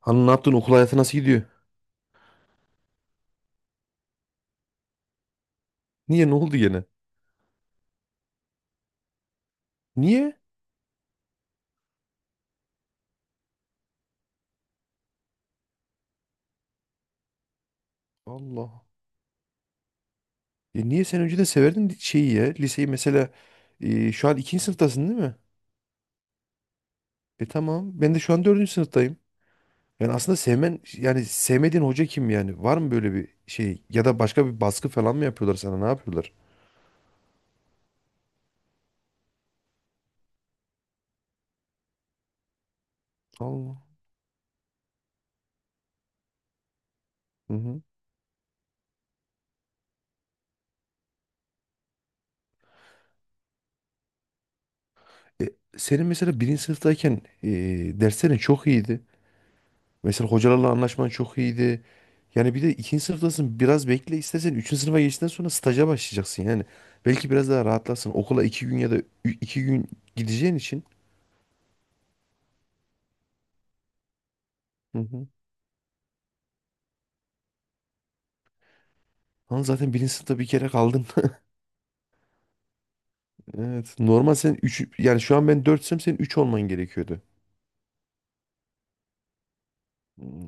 Hani ne yaptın, okul hayatı nasıl gidiyor? Niye, ne oldu gene? Niye? Allah. Ya niye sen önceden severdin şeyi, ya liseyi mesela, şu an ikinci sınıftasın değil mi? Tamam ben de şu an dördüncü sınıftayım. Yani aslında sevmen, yani sevmediğin hoca kim yani? Var mı böyle bir şey, ya da başka bir baskı falan mı yapıyorlar sana, ne yapıyorlar? Allah. Hı hı. E, senin mesela birinci sınıftayken derslerin çok iyiydi. Mesela hocalarla anlaşman çok iyiydi. Yani bir de ikinci sınıftasın, biraz bekle, istersen üçüncü sınıfa geçtikten sonra staja başlayacaksın yani. Belki biraz daha rahatlarsın. Okula iki gün ya da iki gün gideceğin için. Hı hı. Ama zaten birinci sınıfta bir kere kaldın. Evet. Normal sen üç, yani şu an ben dörtsem senin üç olman gerekiyordu. Hmm.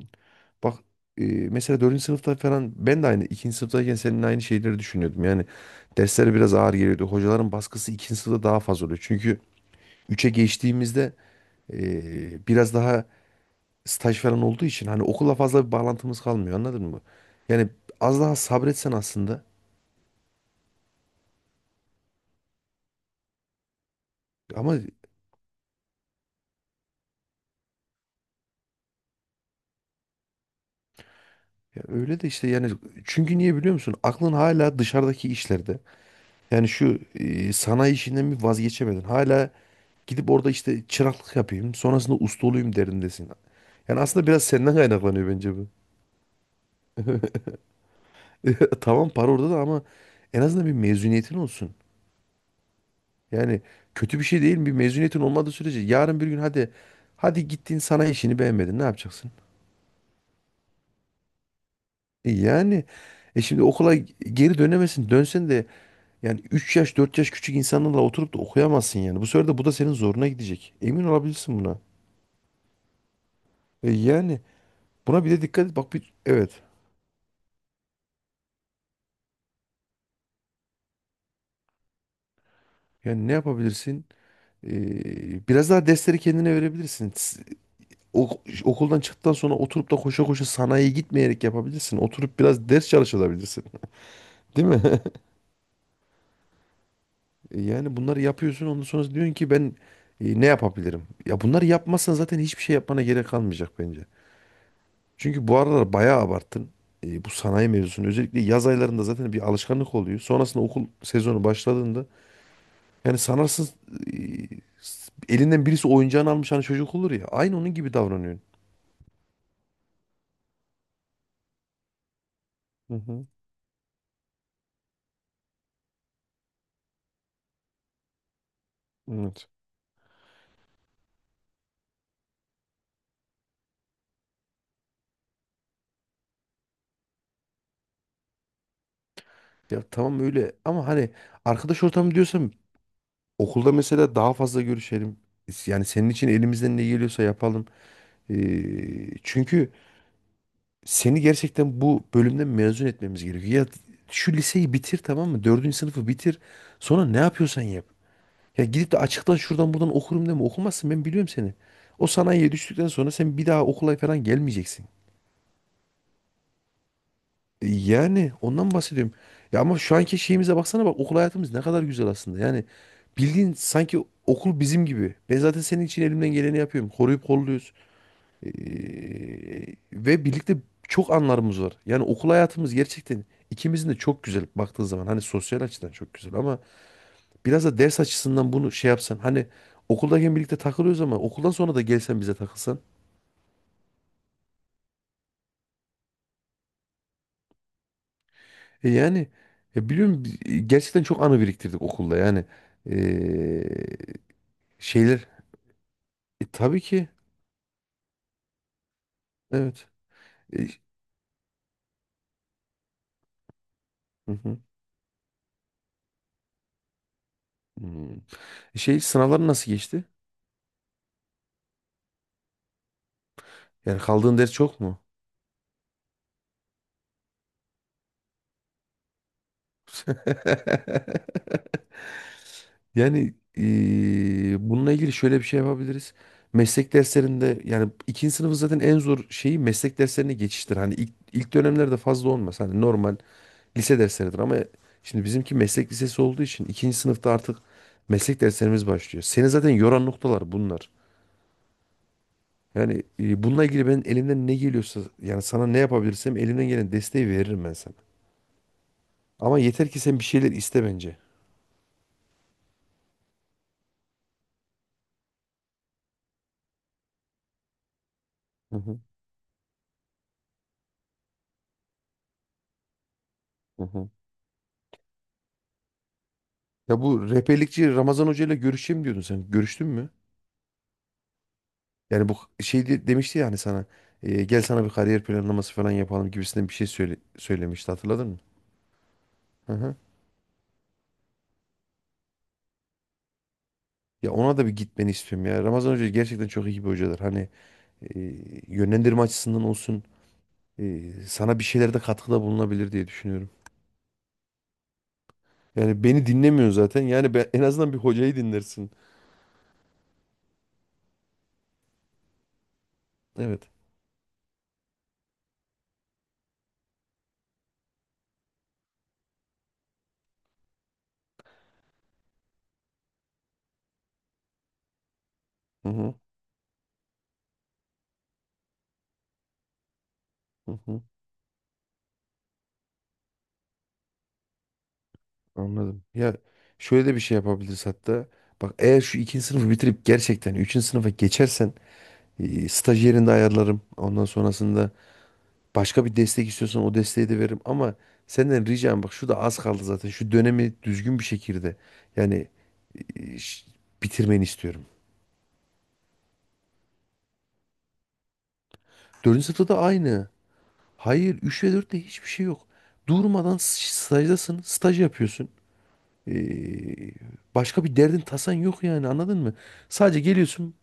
Bak, mesela dördüncü sınıfta falan ben de aynı ikinci sınıftayken senin aynı şeyleri düşünüyordum. Yani dersler biraz ağır geliyordu. Hocaların baskısı ikinci sınıfta daha fazla oluyor. Çünkü üçe geçtiğimizde biraz daha staj falan olduğu için hani okulla fazla bir bağlantımız kalmıyor, anladın mı? Yani az daha sabretsen aslında, ama ya öyle de işte, yani çünkü niye biliyor musun? Aklın hala dışarıdaki işlerde. Yani şu sanayi işinden bir vazgeçemedin. Hala gidip orada işte çıraklık yapayım, sonrasında usta olayım derindesin. Yani aslında biraz senden kaynaklanıyor bence bu. Tamam, para orada da ama en azından bir mezuniyetin olsun. Yani kötü bir şey değil, bir mezuniyetin olmadığı sürece yarın bir gün hadi hadi gittin, sanayi işini beğenmedin, ne yapacaksın? Yani şimdi okula geri dönemesin. Dönsen de yani 3 yaş 4 yaş küçük insanlarla oturup da okuyamazsın yani. Bu sefer de bu da senin zoruna gidecek. Emin olabilirsin buna. Yani buna bir de dikkat et. Bak, bir evet. Yani ne yapabilirsin? Biraz daha dersleri kendine verebilirsin. Okuldan çıktıktan sonra oturup da koşa koşa sanayiye gitmeyerek yapabilirsin. Oturup biraz ders çalışabilirsin. Değil mi? Yani bunları yapıyorsun, ondan sonra diyorsun ki ben ne yapabilirim? Ya bunları yapmazsan zaten hiçbir şey yapmana gerek kalmayacak bence. Çünkü bu aralar bayağı abarttın. Bu sanayi mevzusunu. Özellikle yaz aylarında zaten bir alışkanlık oluyor. Sonrasında okul sezonu başladığında yani sanarsın e, elinden birisi oyuncağını almış, hani çocuk olur ya. Aynı onun gibi davranıyorsun. Hı hı. Evet. Ya tamam öyle, ama hani arkadaş ortamı diyorsam, okulda mesela daha fazla görüşelim. Yani senin için elimizden ne geliyorsa yapalım. Çünkü seni gerçekten bu bölümden mezun etmemiz gerekiyor. Ya şu liseyi bitir, tamam mı? Dördüncü sınıfı bitir. Sonra ne yapıyorsan yap. Ya gidip de açıktan şuradan buradan okurum deme, okumazsın, ben biliyorum seni. O sanayiye düştükten sonra sen bir daha okula falan gelmeyeceksin. Yani ondan bahsediyorum. Ya ama şu anki şeyimize baksana, bak okul hayatımız ne kadar güzel aslında. Yani bildiğin sanki okul bizim gibi. Ben zaten senin için elimden geleni yapıyorum. Koruyup kolluyoruz. E, ve birlikte çok anlarımız var. Yani okul hayatımız gerçekten ikimizin de çok güzel, baktığın zaman. Hani sosyal açıdan çok güzel, ama biraz da ders açısından bunu şey yapsan. Hani okuldayken birlikte takılıyoruz, ama okuldan sonra da gelsen bize takılsan. Yani ya biliyorum, gerçekten çok anı biriktirdik okulda yani. Ee, şeyler. Tabii ki evet. E, hı hı. Hmm. Sınavların nasıl geçti? Yani kaldığın ders çok mu? Yani bununla ilgili şöyle bir şey yapabiliriz. Meslek derslerinde yani ikinci sınıfı zaten en zor şeyi meslek derslerine geçiştir. Hani ilk dönemlerde fazla olmaz. Hani normal lise dersleridir, ama şimdi bizimki meslek lisesi olduğu için ikinci sınıfta artık meslek derslerimiz başlıyor. Seni zaten yoran noktalar bunlar. Yani bununla ilgili ben elimden ne geliyorsa, yani sana ne yapabilirsem elimden gelen desteği veririm ben sana. Ama yeter ki sen bir şeyler iste bence. Hı hı. Hı hı. Ya bu rehberlikçi Ramazan Hoca ile görüşeyim diyordun sen. Görüştün mü? Yani bu şey demişti yani sana, gel sana bir kariyer planlaması falan yapalım gibisinden bir şey söylemişti, hatırladın mı? Hı hı. Ya ona da bir gitmeni istiyorum ya. Ramazan Hoca gerçekten çok iyi bir hocadır. Hani e, yönlendirme açısından olsun, sana bir şeylerde katkıda bulunabilir diye düşünüyorum. Yani beni dinlemiyor zaten. Yani en azından bir hocayı dinlersin. Evet. Hı hı. Hı hı. Anladım. Ya şöyle de bir şey yapabiliriz hatta. Bak, eğer şu ikinci sınıfı bitirip gerçekten üçüncü sınıfa geçersen staj yerinde ayarlarım. Ondan sonrasında başka bir destek istiyorsan o desteği de veririm. Ama senden ricam, bak şu da az kaldı zaten. Şu dönemi düzgün bir şekilde, yani e, ş- bitirmeni istiyorum. Dördüncü sınıfta da aynı. Hayır, 3 ve dörtte hiçbir şey yok. Durmadan stajdasın. Staj yapıyorsun. E, başka bir derdin tasan yok yani, anladın mı? Sadece geliyorsun.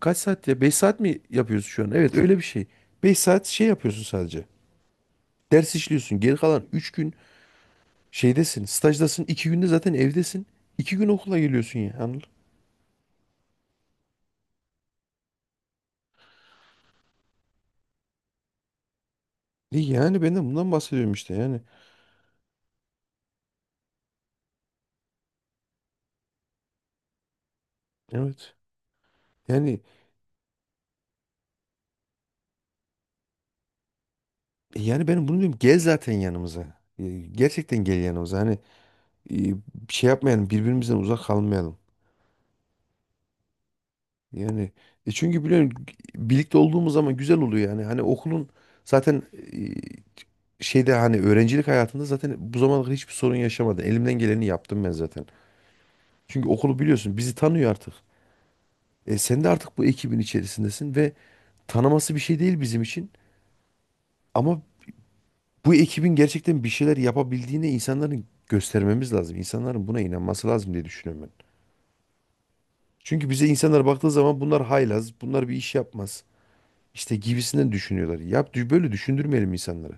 Kaç saat ya? 5 saat mi yapıyorsun şu an? Evet, öyle bir şey. 5 saat şey yapıyorsun sadece. Ders işliyorsun. Geri kalan 3 gün şeydesin. Stajdasın. İki günde zaten evdesin. 2 gün okula geliyorsun ya. Anladın? Yani ben de bundan bahsediyorum işte yani. Evet. Yani ben bunu diyorum. Gel zaten yanımıza. Gerçekten gel yanımıza. Hani e, şey yapmayalım. Birbirimizden uzak kalmayalım. Yani çünkü biliyorum, birlikte olduğumuz zaman güzel oluyor yani. Hani okulun zaten şeyde, hani öğrencilik hayatında zaten bu zamana kadar hiçbir sorun yaşamadım. Elimden geleni yaptım ben zaten. Çünkü okulu biliyorsun, bizi tanıyor artık. Sen de artık bu ekibin içerisindesin ve tanıması bir şey değil bizim için. Ama bu ekibin gerçekten bir şeyler yapabildiğini insanların göstermemiz lazım. İnsanların buna inanması lazım diye düşünüyorum ben. Çünkü bize insanlar baktığı zaman bunlar haylaz, bunlar bir iş yapmaz, İşte gibisinden düşünüyorlar. Yap, böyle düşündürmeyelim insanları.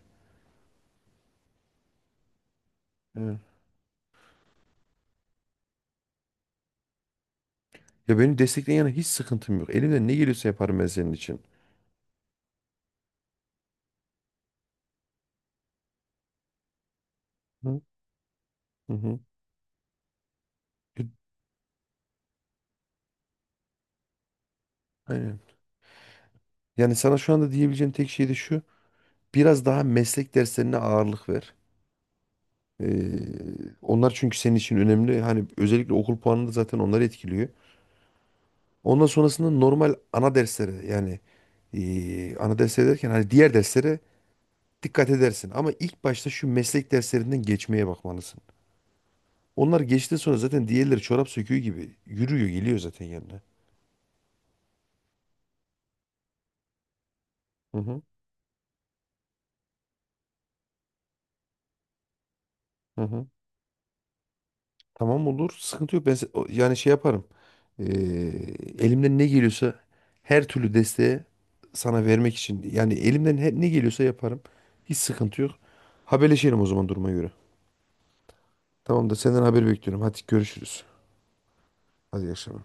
Hı. Ya beni destekleyen yana hiç sıkıntım yok. Elimden ne geliyorsa yaparım ben senin için. Hı hı. Hı. E, Aynen. Yani sana şu anda diyebileceğim tek şey de şu. Biraz daha meslek derslerine ağırlık ver. Ee, onlar çünkü senin için önemli. Hani özellikle okul puanını da zaten onları etkiliyor. Ondan sonrasında normal ana derslere, yani ana dersler derken hani diğer derslere dikkat edersin. Ama ilk başta şu meslek derslerinden geçmeye bakmalısın. Onlar geçti, sonra zaten diğerleri çorap söküğü gibi yürüyor, geliyor zaten yanına. Hı hı. Hı hı. Tamam, olur. Sıkıntı yok. Ben yani şey yaparım. Ee, elimden ne geliyorsa, her türlü desteği sana vermek için. Yani elimden ne geliyorsa yaparım. Hiç sıkıntı yok. Haberleşelim o zaman duruma göre. Tamam da senden haber bekliyorum. Hadi görüşürüz. Hadi iyi akşamlar.